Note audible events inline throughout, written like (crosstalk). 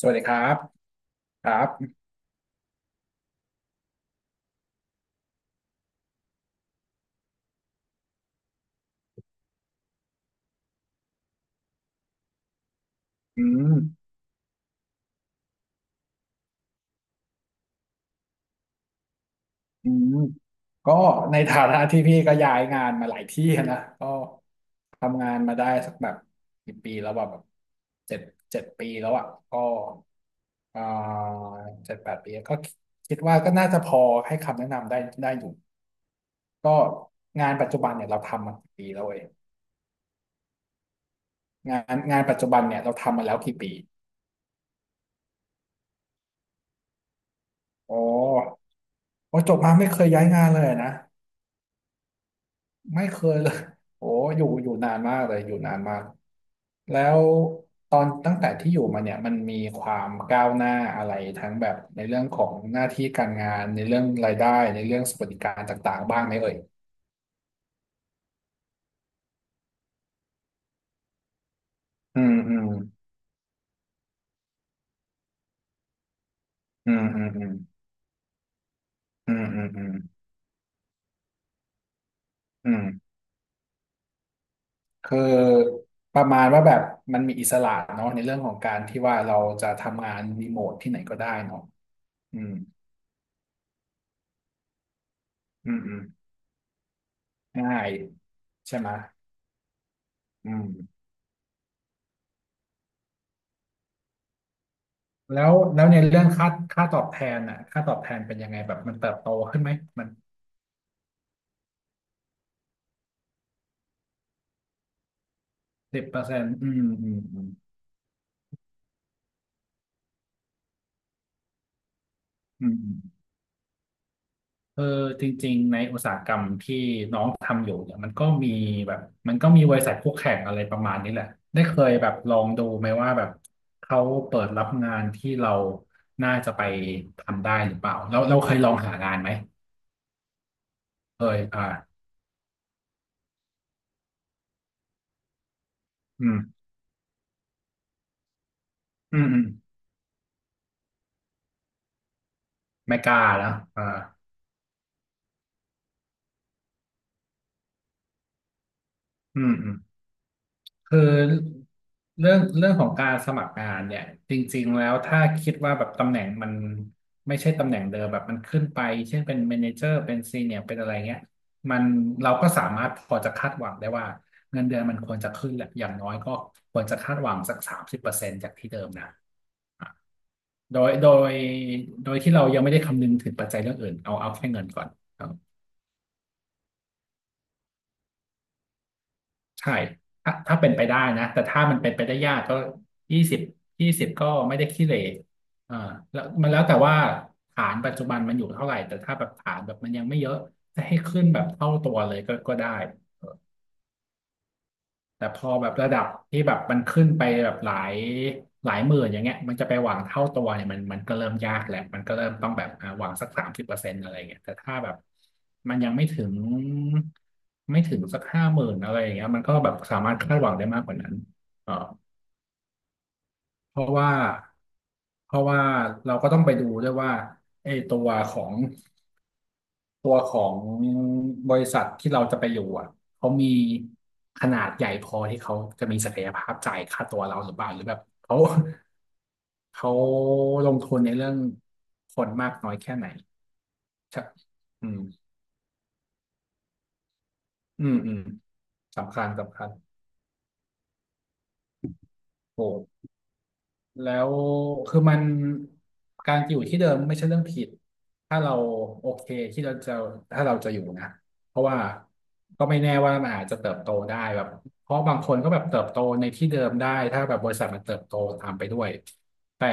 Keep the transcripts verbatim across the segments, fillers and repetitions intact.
สวัสดีครับครับอืมอืมก็ในฐานะที่พี่ก็ย้ายงานมาหลายที่นะก็ทำงานมาได้สักแบบกี่ปีแล้วอะแบบเจ็ดเจ็ดปีแล้วอ่ะก็เอ่อเจ็ดแปดปีก็คิดว่าก็น่าจะพอให้คำแนะนำได้ได้อยู่ก็งานปัจจุบันเนี่ยเราทำมากี่ปีแล้วเองงานงานปัจจุบันเนี่ยเราทำมาแล้วกี่ปีอ๋อพอจบมาไม่เคยย้ายงานเลยนะ ไม่เคยเลย (laughs) โอ้อยู่อยู่นานมากเลยอยู่นานมากแล้วตอนตั้งแต่ที่อยู่มาเนี่ยมันมีความก้าวหน้าอะไรทั้งแบบในเรื่องของหน้าที่การงานในเรื่องรายได้ในเรื่องสวัสดิการต่างๆบ้างไหมเอ่ยอืมอืมอืมอืมอืมอืมอืมอืมอืมคือประมาณว่าแบบมันมีอิสระเนาะในเรื่องของการที่ว่าเราจะทำงานรีโมทที่ไหนก็ได้เนาะอืมอืมอืมง่ายใช่ไหมยอืม แล้วแล้วในเรื่องค่าค่าตอบแทนอ่ะค่าตอบแทนเป็นยังไงแบบมันเติบโตขึ้นไหมมันสิบเปอร์เซ็นต์อืมอืมอืมอืมอืมเออจริงๆในอุตสาหกรรมที่น้องทำอยู่เนี่ยมันก็มีแบบมันก็มีบริษัทคู่แข่งอะไรประมาณนี้แหละได้เคยแบบลองดูไหมว่าแบบเขาเปิดรับงานที่เราน่าจะไปทำได้หรือเปล่าเราเราเคยลองหางานไหมเคยอ่าอืมอืมอืมไม่กล้าแล้วอ่าอืมอืม คือเรื่องเรื่องของการสมัครงานเนี่ยจริงๆแล้วถ้าคิดว่าแบบตำแหน่งมันไม่ใช่ตำแหน่งเดิมแบบมันขึ้นไปเช่นเป็นเมเนเจอร์เป็นซีเนียร์เป็นอะไรเงี้ยมันเราก็สามารถพอจะคาดหวังได้ว่าเงินเดือนมันควรจะขึ้นแหละอย่างน้อยก็ควรจะคาดหวังสักสามสิบเปอร์เซ็นต์จากที่เดิมนะอ่ะโดยโดยโดยที่เรายังไม่ได้คำนึงถึงปัจจัยเรื่องอื่นเอาเอาแค่เงินก่อน ใช่ถ้าถ้าเป็นไปได้นะ แต่ถ้ามันเป็นไปได้ยากก็ยี่สิบยี่สิบก็ไม่ได้ขี้เหร่อ่าแล้วมันแล้วแต่ว่าฐานปัจจุบันมันอยู่เท่าไหร่ แต่ถ้าแบบฐานแบบมันยังไม่เยอะ จะให้ขึ้นแบบเท่าตัวเลยก็ก็ได้ แต่พอแบบระดับที่แบบมันขึ้นไปแบบหลายหลายหมื่นอย่างเงี้ยมันจะไปหวังเท่าตัวเนี่ยมันมันก็เริ่มยากแหละมันก็เริ่มต้องแบบอ่าหวังสักสามสิบเปอร์เซ็นต์อะไรเงี้ยแต่ถ้าแบบมันยังไม่ถึงไม่ถึงสักห้าหมื่นอะไรอย่างเงี้ยมันก็แบบสามารถคาดหวังได้มากกว่านั้นเออเพราะว่าเพราะว่าเราก็ต้องไปดูด้วยว่าไอ้ตัวของ ตัวของบริษัทที่เราจะไปอยู่อ่ะ เขามีขนาดใหญ่พอที่เขาจะมีศักยภาพจ่ายค่าตัวเราหรือเปล่าหรือแบบเขาเขาลงทุนในเรื่องคนมากน้อยแค่ไหนใช่อืมอืมอืมสำคัญสำคัญโอ้ แล้วคือมันการอยู่ที่เดิมไม่ใช่เรื่องผิดถ้าเราโอเคที่เราจะถ้าเราจะอยู่นะเพราะว่าก็ไม่แน่ว่ามันอาจจะเติบโตได้แบบเพราะบางคนก็แบบเติบโตในที่เดิมได้ถ้าแบบบริษัทมันเติบโตตามไปด้วยแต่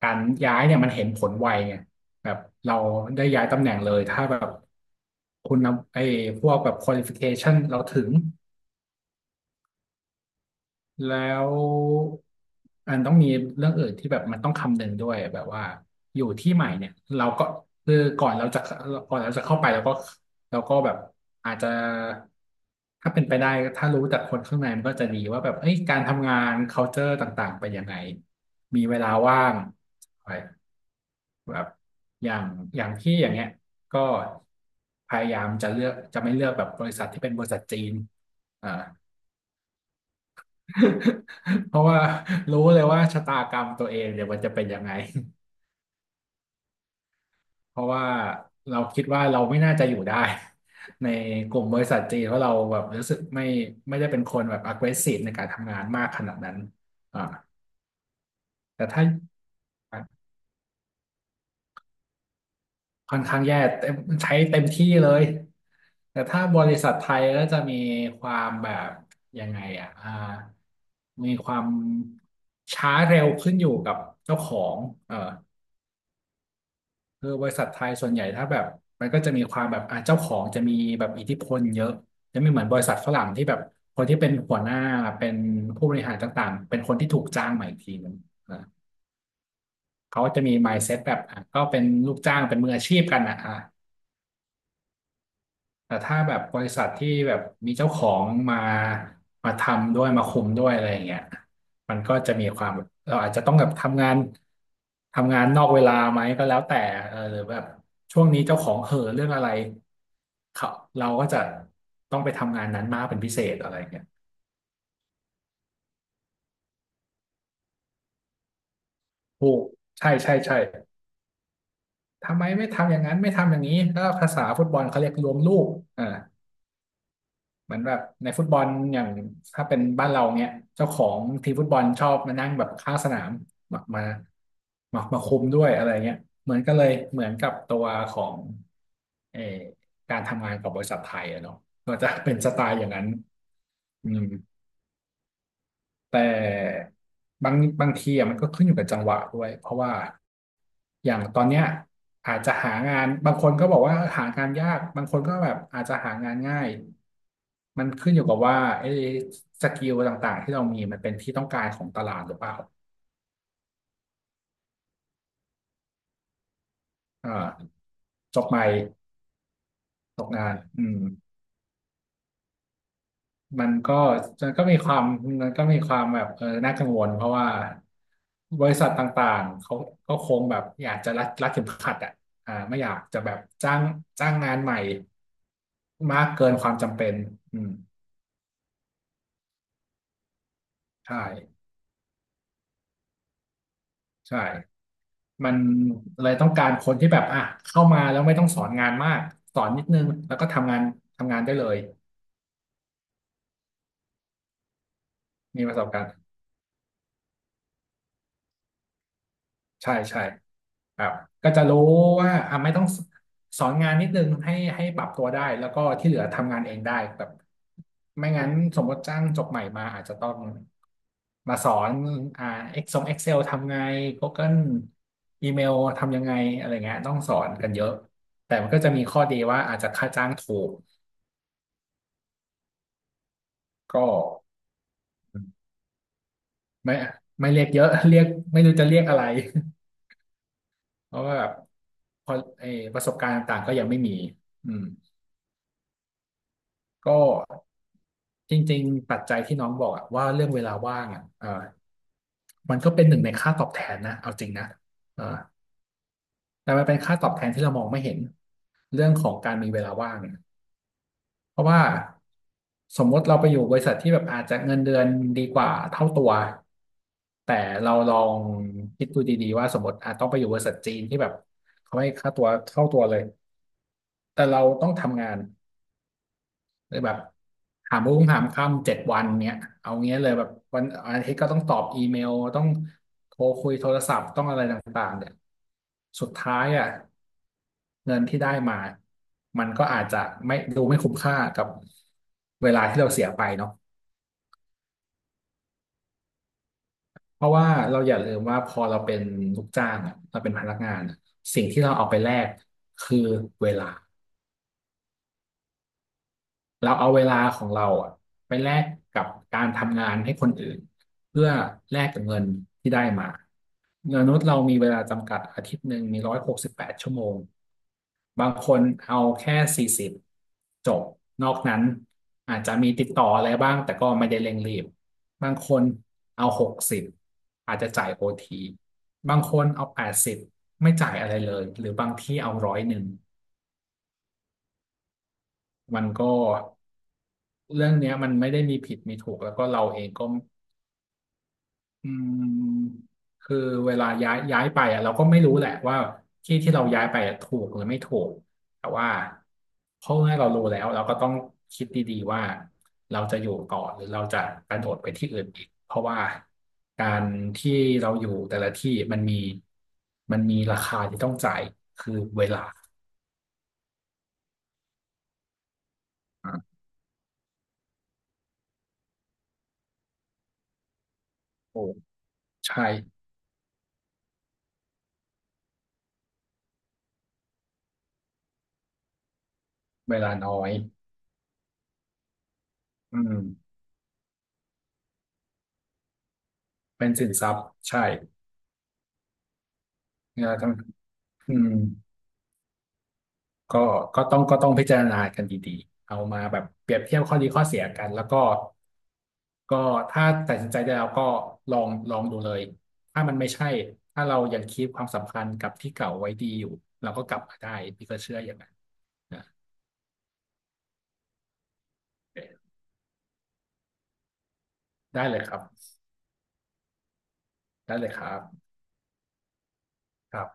การย้ายเนี่ยมันเห็นผลไวไงแบบเราได้ย้ายตำแหน่งเลยถ้าแบบคุณนำไอ้พวกแบบ qualification เราถึง แล้วอันต้องมีเรื่องอื่นที่แบบมันต้องคำนึงด้วยแบบว่าอยู่ที่ใหม่เนี่ยเราก็คือก่อนเราจะก่อนเราจะเข้าไปเราก็เราก็แบบอาจจะถ้าเป็นไปได้ถ้ารู้จากคนข้างในมันก็จะดีว่าแบบเอ้ยการทำงาน culture ต่างๆเป็นยังไงมีเวลาว่างไปแบบอย่างอย่างที่อย่างเงี้ยก็พยายามจะเลือกจะไม่เลือกแบบบริษัทที่เป็นบริษัทจีนอ่า เพราะว่ารู้เลยว่าชะตากรรมตัวเองเดี๋ยวมันจะเป็นยังไง เพราะว่าเราคิดว่าเราไม่น่าจะอยู่ได้ในกลุ่มบริษัทจีนเพราะเราแบบรู้สึกไม่ไม่ได้เป็นคนแบบ aggressive ในการทำงานมากขนาดนั้นอ่าแต่ถ้าค่อนข้างแย่เต็มใช้เต็มที่เลยแต่ถ้าบริษัทไทยก็จะมีความแบบยังไงอ่ะอ่ามีความช้าเร็วขึ้นอยู่กับเจ้าของเออ คือบริษัทไทยส่วนใหญ่ถ้าแบบมันก็จะมีความแบบอ่ะเจ้าของจะมีแบบอิทธิพลเยอะจะไม่เหมือนบริษัทฝรั่งที่แบบคนที่เป็นหัวหน้าเป็นผู้บริหารต่างๆเป็นคนที่ถูกจ้างมาอีกทีนึงอ่ะเขาจะมี mindset แบบอ่ะก็เป็นลูกจ้างเป็นมืออาชีพกันนะอ่ะ แต่ถ้าแบบบริษัทที่แบบมีเจ้าของมามาทำด้วยมาคุมด้วยอะไรอย่างเงี้ยมันก็จะมีความแบบเราอาจจะต้องแบบทำงานทำงานนอกเวลาไหมก็แล้วแต่เออหรือแบบช่วงนี้เจ้าของเห่อเรื่องอะไรเขาเราก็จะต้องไปทำงานนั้นมากเป็นพิเศษอะไรอย่างเงี้ยถูกใช่ใช่ใช่ทำไมไม่ทำอย่างนั้นไม่ทำอย่างนี้ก็ภาษาฟุตบอลเขาเรียกรวมลูกอ่า เหมือนแบบในฟุตบอลอย่างถ้าเป็นบ้านเราเนี่ยเจ้าของทีมฟุตบอลชอบมานั่งแบบข้างสนามมามามามาคุมด้วยอะไรเงี้ยเหมือนก็เลยเหมือนกับตัวของเออการทำงานกับบริษัทไทยอะเนาะก็จะเป็นสไตล์อย่างนั้นอืม แต่บางบางทีอะมันก็ขึ้นอยู่กับจังหวะด้วยเพราะว่าอย่างตอนเนี้ยอาจจะหางานบางคนก็บอกว่าหางานยากบางคนก็แบบอาจจะหางานง่ายมันขึ้นอยู่กับว่าไอ้สกิลต่างๆที่เรามีมันเป็นที่ต้องการของตลาดหรือเปล่าอ่าจบใหม่ตกงานอืม มันก็มันก็มีความมันก็มีความแบบเออน่ากังวลเพราะว่าบริษัทต่างๆเขาก็คงแบบอยากจะรัดรัดเข็มขัดอ่ะอ่าไม่อยากจะแบบจ้างจ้างงานใหม่มากเกินความจำเป็นอืมใช่ใช่มันเลยต้องการคนที่แบบอ่ะเข้ามาแล้วไม่ต้องสอนงานมากสอนนิดนึงแล้วก็ทำงานทำงานได้เลยมีประสบการณ์ ใช่ใช่ครับก็จะรู้ว่าอ่ะไม่ต้องสสอนงานนิดนึงให้ให้ปรับตัวได้แล้วก็ที่เหลือทำงานเองได้แบบไม่งั้นสมมติจ้างจบใหม่มาอาจจะต้องมาสอนอ่า Excel Excel ทำไง Google อีเมลทำยังไงอะไรเงี้ยต้องสอนกันเยอะแต่มันก็จะมีข้อดีว่าอาจจะค่าจ้างถูกก็ไม่ไม่เรียกเยอะ (laughs) เรียกไม่รู้จะเรียกอะไรเพราะว่าแบบพอไอ้ประสบการณ์ต่างๆก็ยังไม่มีอืม ก็จริงๆปัจจัยที่น้องบอกอะว่าเรื่องเวลาว่างอ่ะเออมันก็เป็นหนึ่งในค่าตอบแทนนะเอาจริงนะเออแต่มันเป็นค่าตอบแทนที่เรามองไม่เห็นเรื่องของการมีเวลาว่างเนี่ยเพราะว่าสมมติเราไปอยู่บริษัทที่แบบอาจจะเงินเดือนดีกว่าเท่าตัวแต่เราลองคิดดูดีๆว่าสมมติอาจต้องไปอยู่บริษัทจีนที่แบบเขาให้ค่าตัวเท่าตัวเลยแต่เราต้องทำงาน เลยแบบถามรุ่งถามค่ำเจ็ดวันเนี้ยเอาเงี้ยเลยแบบวันอาทิตย์ก็ต้องตอบอีเมลต้องโทรคุยโทรศัพท์ต้องอะไรต่างๆเนี่ยสุดท้ายอ่ะเงินที่ได้มามันก็อาจจะไม่ดูไม่คุ้มค่ากับเวลาที่เราเสียไปเนาะเพราะว่าเราอย่าลืมว่าพอเราเป็นลูกจ้างอะเราเป็นพนักงานอะสิ่งที่เราเอาไปแลกคือเวลา เราเอาเวลาของเราอะไปแลกกับการทำงานให้คนอื่นเพื่อแลกกับเงินที่ได้มามนุษย์เรามีเวลาจำกัดอาทิตย์หนึ่งมีร้อยหกสิบแปดชั่วโมง บางคนเอาแค่สี่สิบจบ นอกนั้นอาจจะมีติดต่ออะไรบ้างแต่ก็ไม่ได้เร่งรีบ บางคนเอาหกสิบอาจจะจ่ายโอที บางคนเอาแปดสิบไม่จ่ายอะไรเลยหรือบางที่เอาร้อยหนึ่งมันก็ เรื่องเนี้ยมันไม่ได้มีผิดมีถูกแล้วก็เราเองก็อืมคือเวลาย้ายย้ายไปอ่ะเราก็ไม่รู้แหละว่าที่ที่เราย้ายไปอะถูกหรือไม่ถูกแต่ว่าเพราะว่าเรารู้แล้วเราก็ต้องคิดดีๆว่าเราจะอยู่ต่อหรือเราจะกระโดดไปที่อื่นอีกเพราะว่าการที่เราอยู่แต่ละที่มันมีมันมีราคาที่ต้องจ่ายคือเวลาอ่ะโอ้ใช่เวลาน้อยอืมเป็นสินทรัพย์ใช่เวลาทั้ง อืมก็ก็ต้องก็ต้องพิจารณากันดีๆเอามาแบบเปรียบเทียบข้อดีข้อเสียกันแล้วก็ก็ถ้าตัดสินใจได้แล้วก็ลองลองดูเลยถ้ามันไม่ใช่ถ้าเรายังคีปความสัมพันธ์กับที่เก่าไว้ดีอยู่เราก็กลับมาได้พี่ก็เชื่ออย่างนั้นนะได้เลยครับได้เลยครับครับ